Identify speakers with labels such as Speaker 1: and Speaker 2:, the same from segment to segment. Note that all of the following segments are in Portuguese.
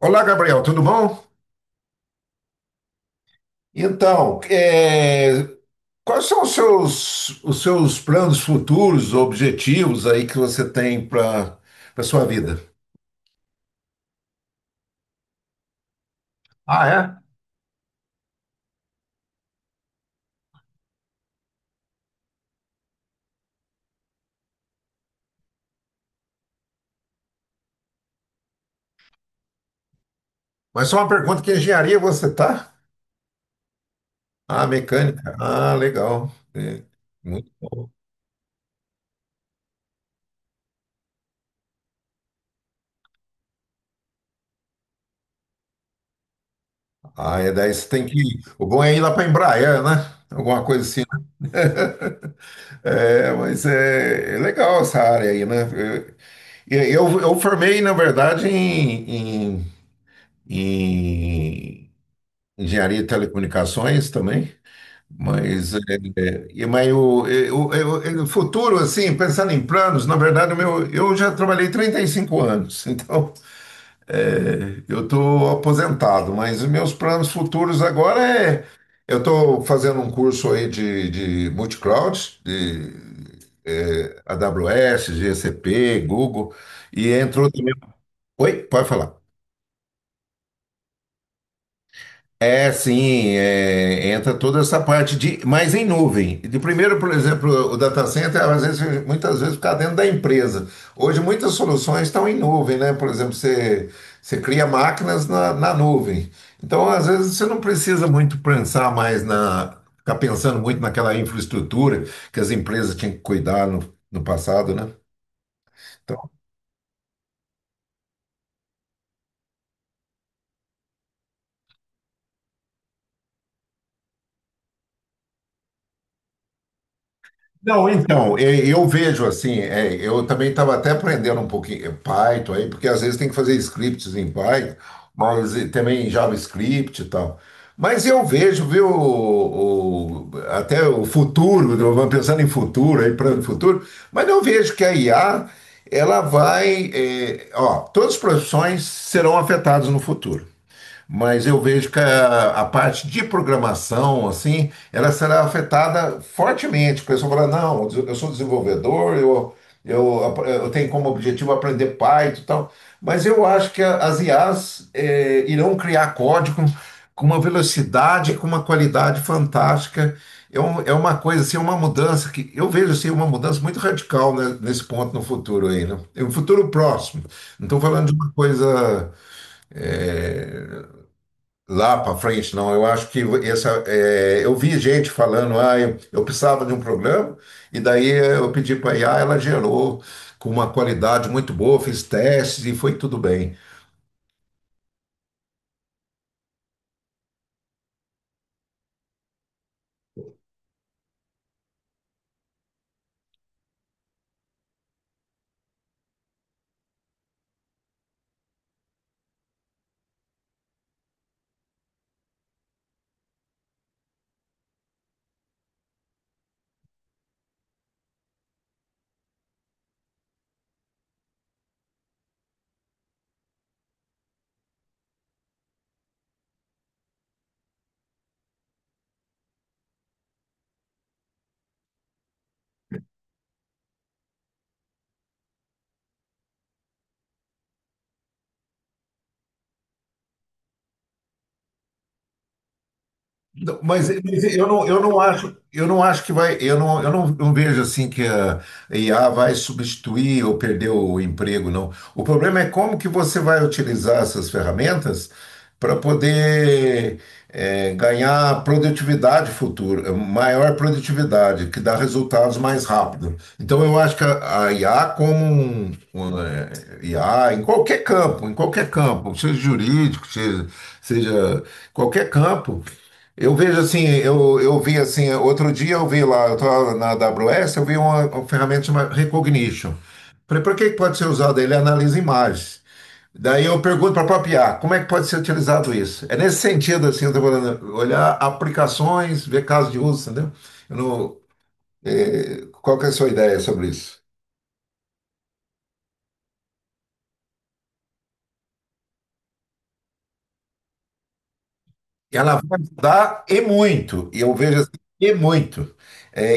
Speaker 1: Olá, Gabriel, tudo bom? Então, é, quais são os seus planos futuros, objetivos aí que você tem para sua vida? Mas só uma pergunta, que engenharia você tá? Ah, mecânica. Ah, legal. Muito bom. Ah, é, daí você tem que ir. O bom é ir lá para Embraer, né? Alguma coisa assim. Né? Mas é legal essa área aí, né? Eu, eu formei, na verdade, em engenharia e telecomunicações também. Mas, é, Futuro, assim, pensando em planos, na verdade, o meu, eu já trabalhei 35 anos, então eu estou aposentado, mas os meus planos futuros agora é. Eu estou fazendo um curso aí de multicloud, de AWS, GCP, Google, e entrou também. Oi, pode falar. Sim, é, entra toda essa parte de, mas em nuvem. De primeiro, por exemplo, o data center, às vezes, muitas vezes fica dentro da empresa. Hoje, muitas soluções estão em nuvem, né? Por exemplo, você cria máquinas na nuvem. Então, às vezes, você não precisa muito pensar mais na, ficar pensando muito naquela infraestrutura que as empresas tinham que cuidar no passado, né? Então, não, então, eu vejo assim, é, eu também estava até aprendendo um pouquinho Python aí, porque às vezes tem que fazer scripts em Python, mas e também em JavaScript e tal. Mas eu vejo, viu, até o futuro, eu vou pensando em futuro, aí para o futuro, mas eu vejo que a IA, ela vai, é, ó, todas as profissões serão afetadas no futuro, mas eu vejo que a parte de programação, assim, ela será afetada fortemente. O pessoal fala, não, eu sou desenvolvedor, eu tenho como objetivo aprender Python e tal, mas eu acho que as IAs irão criar código com uma velocidade, com uma qualidade fantástica. É, é uma coisa, assim, uma mudança que eu vejo assim, uma mudança muito radical, né, nesse ponto no futuro aí, né? É um futuro próximo. Não estou falando de uma coisa lá para frente, não. Eu acho que essa, é, eu vi gente falando, ah, eu precisava de um programa, e daí eu pedi para a IA, ela gerou com uma qualidade muito boa, fiz testes e foi tudo bem. Não, mas, eu não acho que vai, eu não, não vejo assim que a IA vai substituir ou perder o emprego, não. O problema é como que você vai utilizar essas ferramentas para poder ganhar produtividade futura, maior produtividade, que dá resultados mais rápido. Então eu acho que a IA como IA em qualquer campo, seja jurídico, seja qualquer campo. Eu vejo assim, eu vi assim, outro dia eu vi lá, eu estava na AWS, eu vi uma ferramenta chamada Recognition. Falei, por que que pode ser usado? Ele analisa imagens. Daí eu pergunto para a própria IA, como é que pode ser utilizado isso? É nesse sentido, assim, eu estou falando, olhar aplicações, ver casos de uso, entendeu? Eu não- eh, qual que é a sua ideia sobre isso? Ela vai ajudar e muito, e eu vejo assim, e muito. É,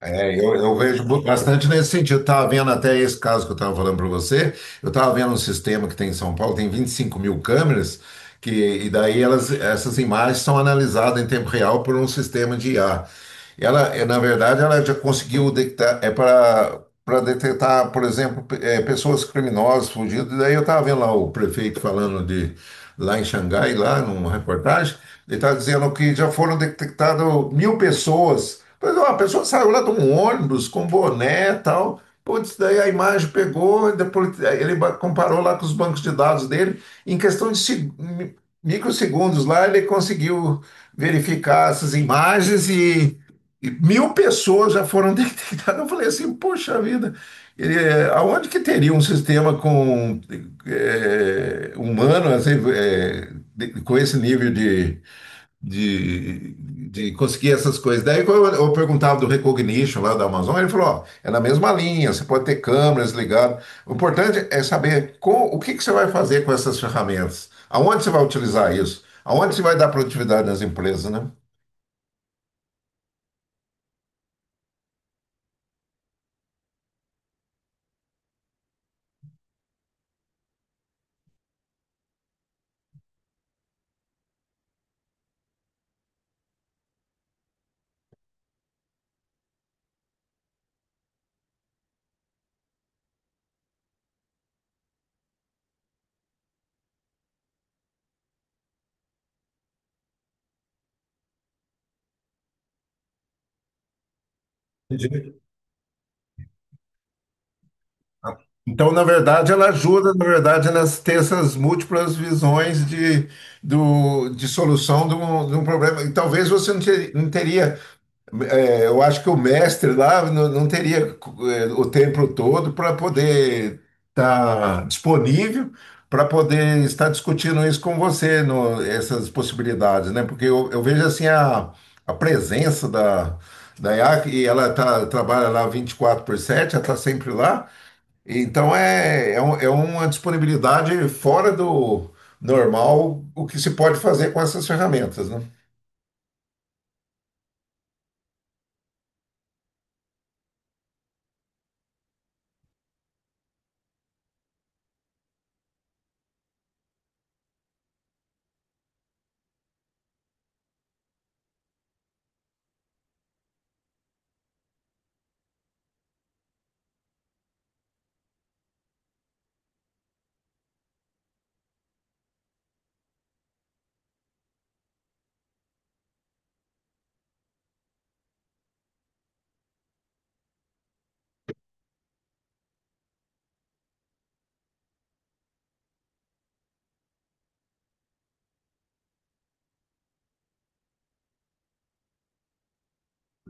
Speaker 1: Eu vejo bastante nesse sentido. Eu estava vendo até esse caso que eu estava falando para você. Eu estava vendo um sistema que tem em São Paulo, tem 25 mil câmeras, que, e daí elas, essas imagens são analisadas em tempo real por um sistema de IA. Ela, na verdade, ela já conseguiu detectar, é para detectar, por exemplo, pessoas criminosas, fugidas. E daí eu estava vendo lá o prefeito falando de lá em Xangai, lá numa reportagem, ele estava dizendo que já foram detectadas 1.000 pessoas. Mas, ó, a pessoa saiu lá de um ônibus com boné e tal. Putz, daí a imagem pegou, e depois ele comparou lá com os bancos de dados dele. Em questão de microsegundos lá, ele conseguiu verificar essas imagens e 1.000 pessoas já foram detectadas. Eu falei assim, poxa vida, aonde que teria um sistema com humano assim, com esse nível de, de conseguir essas coisas? Daí quando eu perguntava do Recognition lá da Amazon, ele falou, ó, é na mesma linha, você pode ter câmeras ligadas. O importante é saber com, o que que você vai fazer com essas ferramentas, aonde você vai utilizar isso, aonde você vai dar produtividade nas empresas, né? Então, na verdade, ela ajuda, na verdade, nas ter essas múltiplas visões do, de solução de de um problema. E talvez você não teria, é, eu acho que o mestre lá não, não teria é, o tempo todo para poder estar disponível, para poder estar discutindo isso com você, no, essas possibilidades, né? Porque eu vejo assim a presença da IAC, e ela tá, trabalha lá 24 por 7, ela está sempre lá. Então é uma disponibilidade fora do normal o que se pode fazer com essas ferramentas, né?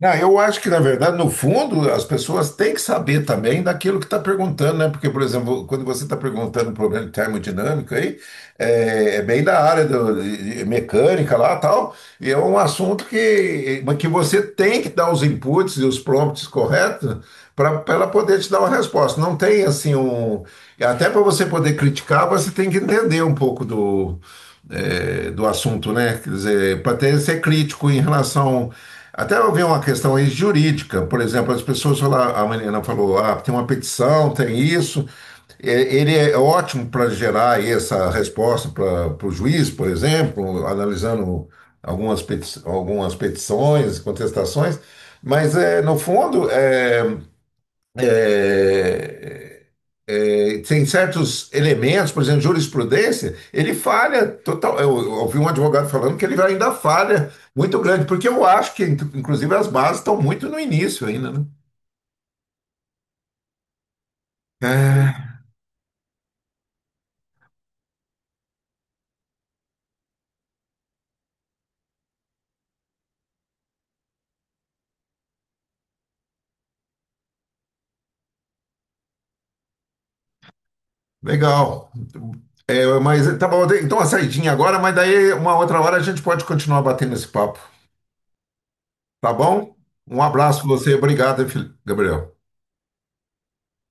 Speaker 1: Não, eu acho que, na verdade, no fundo, as pessoas têm que saber também daquilo que está perguntando, né? Porque, por exemplo, quando você está perguntando um problema de termodinâmica aí, é bem da área de mecânica lá tal, e é um assunto que, mas que você tem que dar os inputs e os prompts corretos para ela poder te dar uma resposta. Não tem assim um. Até para você poder criticar, você tem que entender um pouco do do assunto, né? Quer dizer, para ter ser crítico em relação. Até eu vi uma questão aí jurídica, por exemplo, as pessoas falaram, a menina falou, ah, tem uma petição, tem isso. É, ele é ótimo para gerar aí essa resposta para o juiz, por exemplo, analisando algumas petições, contestações, mas é, no fundo é, é, é, tem certos elementos, por exemplo, jurisprudência, ele falha total. Eu ouvi um advogado falando que ele ainda falha muito grande, porque eu acho que, inclusive, as bases estão muito no início ainda, né? É, legal. É, mas tá bom, então uma saidinha agora, mas daí uma outra hora a gente pode continuar batendo esse papo, tá bom? Um abraço pra você, obrigado, hein, Gabriel.